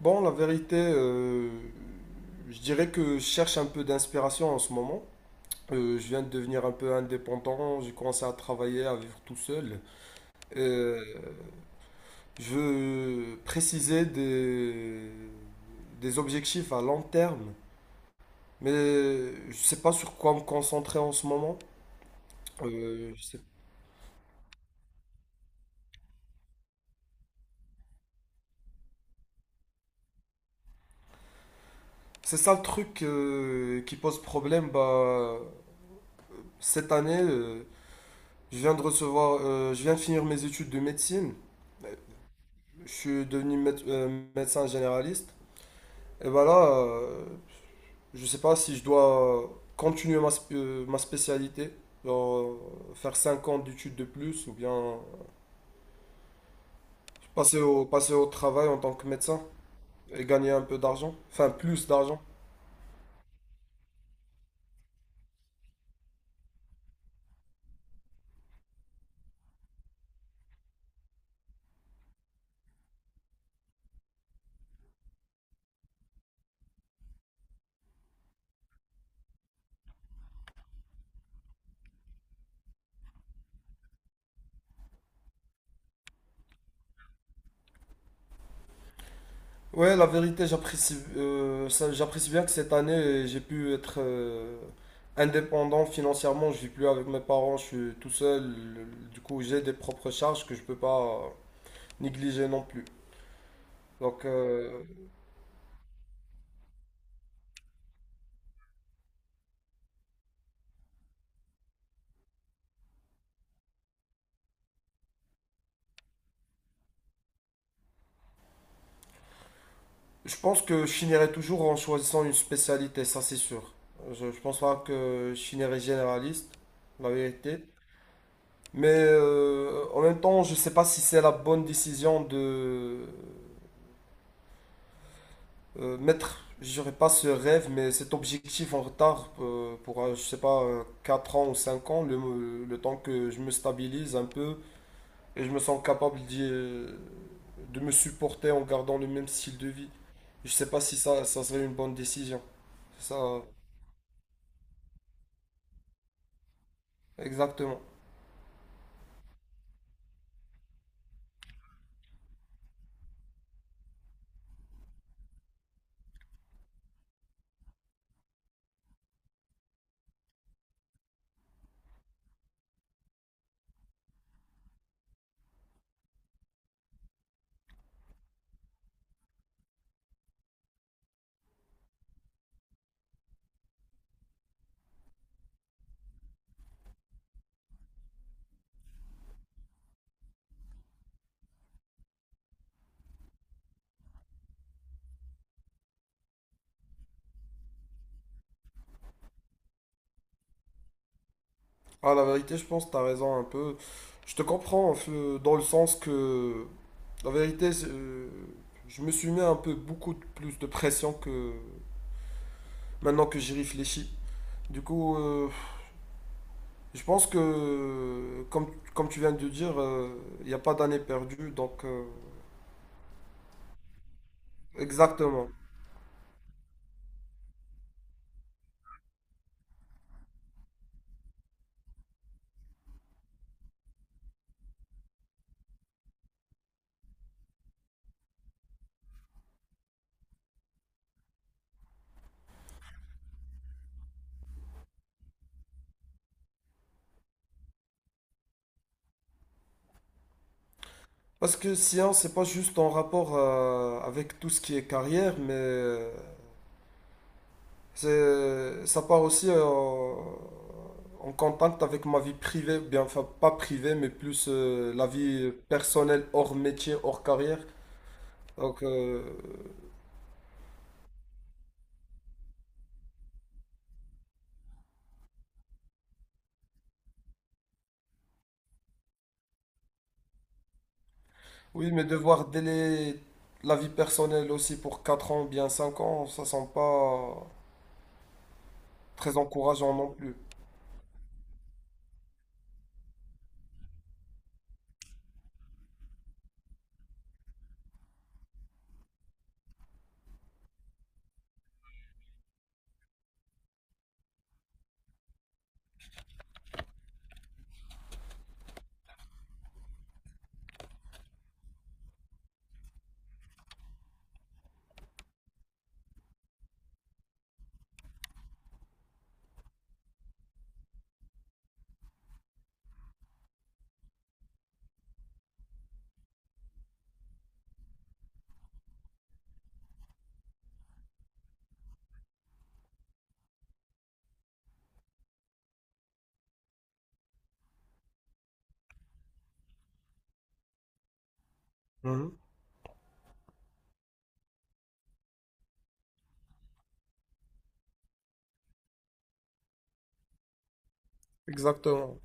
Bon, la vérité, je dirais que je cherche un peu d'inspiration en ce moment. Je viens de devenir un peu indépendant, j'ai commencé à travailler, à vivre tout seul. Euh, je veux préciser des objectifs à long terme, mais je ne sais pas sur quoi me concentrer en ce moment. Euh, je sais- C'est ça le truc qui pose problème. Cette année, je viens de finir mes études de médecine. Je suis devenu médecin généraliste. Et là, je sais pas si je dois continuer ma spécialité, genre, faire 5 ans d'études de plus, ou bien passer au travail en tant que médecin et gagner un peu d'argent, enfin plus d'argent. Ouais, la vérité, j'apprécie bien que cette année, j'ai pu être indépendant financièrement. Je vis plus avec mes parents, je suis tout seul. Du coup, j'ai des propres charges que je peux pas négliger non plus. Donc, je pense que je finirai toujours en choisissant une spécialité, ça c'est sûr. Je pense pas que je finirai généraliste, la vérité. Mais en même temps, je sais pas si c'est la bonne décision de mettre, je dirais pas ce rêve, mais cet objectif en retard pour, je sais pas, 4 ans ou 5 ans, le temps que je me stabilise un peu. Et je me sens capable de me supporter en gardant le même style de vie. Je sais pas si ça serait une bonne décision. C'est ça, exactement. Ah, la vérité, je pense que t'as raison un peu. Je te comprends dans le sens que, la vérité, je me suis mis un peu plus de pression que maintenant que j'y réfléchis. Du coup, je pense que, comme tu viens de dire, il n'y a pas d'année perdue. Donc, exactement. Parce que science, c'est pas juste en rapport avec tout ce qui est carrière, mais ça part aussi en contact avec ma vie privée, bien, enfin pas privée, mais plus la vie personnelle hors métier, hors carrière. Donc oui, mais devoir délai la vie personnelle aussi pour 4 ans, bien 5 ans, ça sent pas très encourageant non plus. Mhm. Exactement.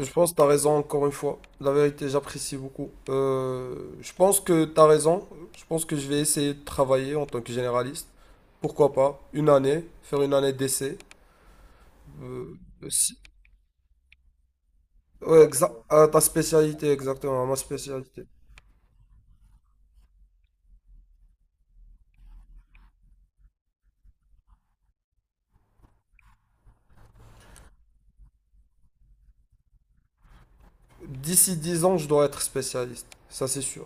Je pense que tu as raison encore une fois. La vérité, j'apprécie beaucoup. Je pense que tu as raison. Je pense que je vais essayer de travailler en tant que généraliste. Pourquoi pas? Une année, faire une année d'essai. Euh, si- ouais, à ta spécialité, exactement, à ma spécialité. D'ici 10 ans, je dois être spécialiste. Ça, c'est sûr.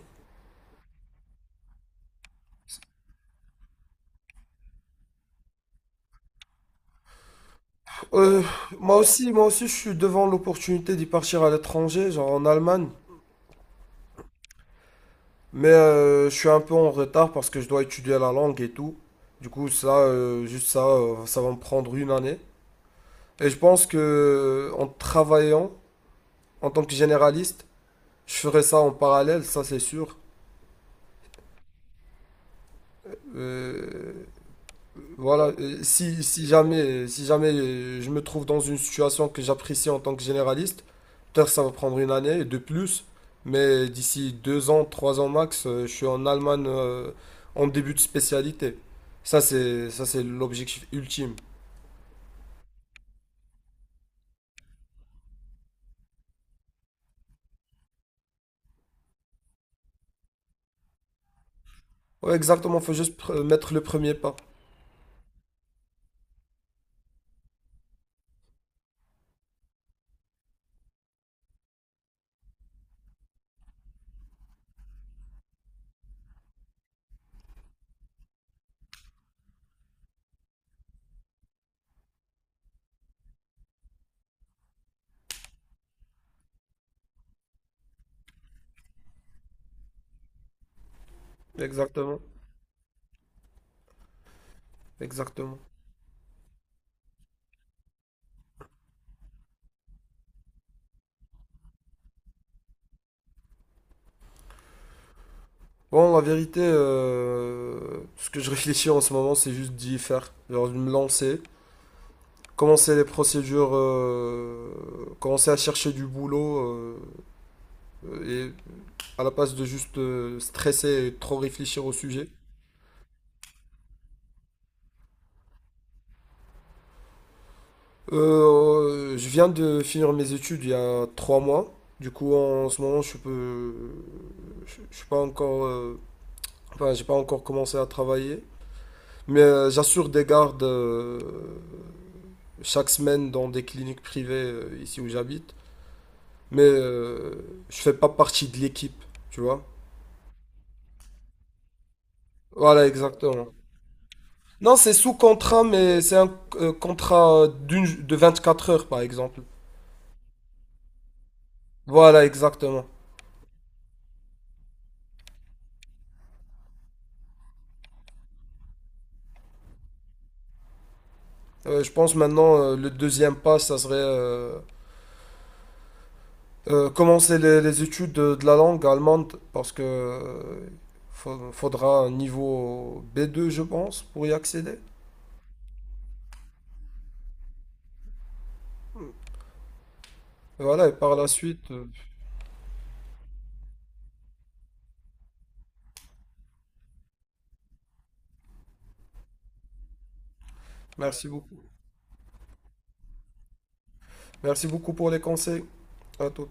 Euh, moi aussi, je suis devant l'opportunité d'y partir à l'étranger, genre en Allemagne. Mais je suis un peu en retard parce que je dois étudier la langue et tout. Du coup, juste ça va me prendre une année. Et je pense que en travaillant en tant que généraliste, je ferai ça en parallèle, ça c'est sûr. Euh, Voilà, si jamais, si jamais je me trouve dans une situation que j'apprécie en tant que généraliste, peut-être ça va prendre une année de plus, mais d'ici 2 ans, 3 ans max, je suis en Allemagne en début de spécialité. Ça, c'est l'objectif ultime. Ouais, exactement, faut juste mettre le premier pas. Exactement, exactement. Bon, la vérité, ce que je réfléchis en ce moment, c'est juste d'y faire, genre de me lancer. Commencer les procédures, commencer à chercher du boulot et à la place de juste stresser et trop réfléchir au sujet. Je viens de finir mes études il y a 3 mois. Du coup, en ce moment, je suis pas encore, enfin, j'ai pas encore commencé à travailler. Mais j'assure des gardes chaque semaine dans des cliniques privées ici où j'habite. Mais je fais pas partie de l'équipe, tu vois. Voilà, exactement. Non, c'est sous contrat, mais c'est un contrat de 4 heures, par exemple. Voilà, exactement. Je pense maintenant, le deuxième pas, ça serait commencer les études de la langue allemande, parce que faudra un niveau B2, je pense, pour y accéder. Voilà, et par la suite, merci beaucoup. Merci beaucoup pour les conseils. À tout.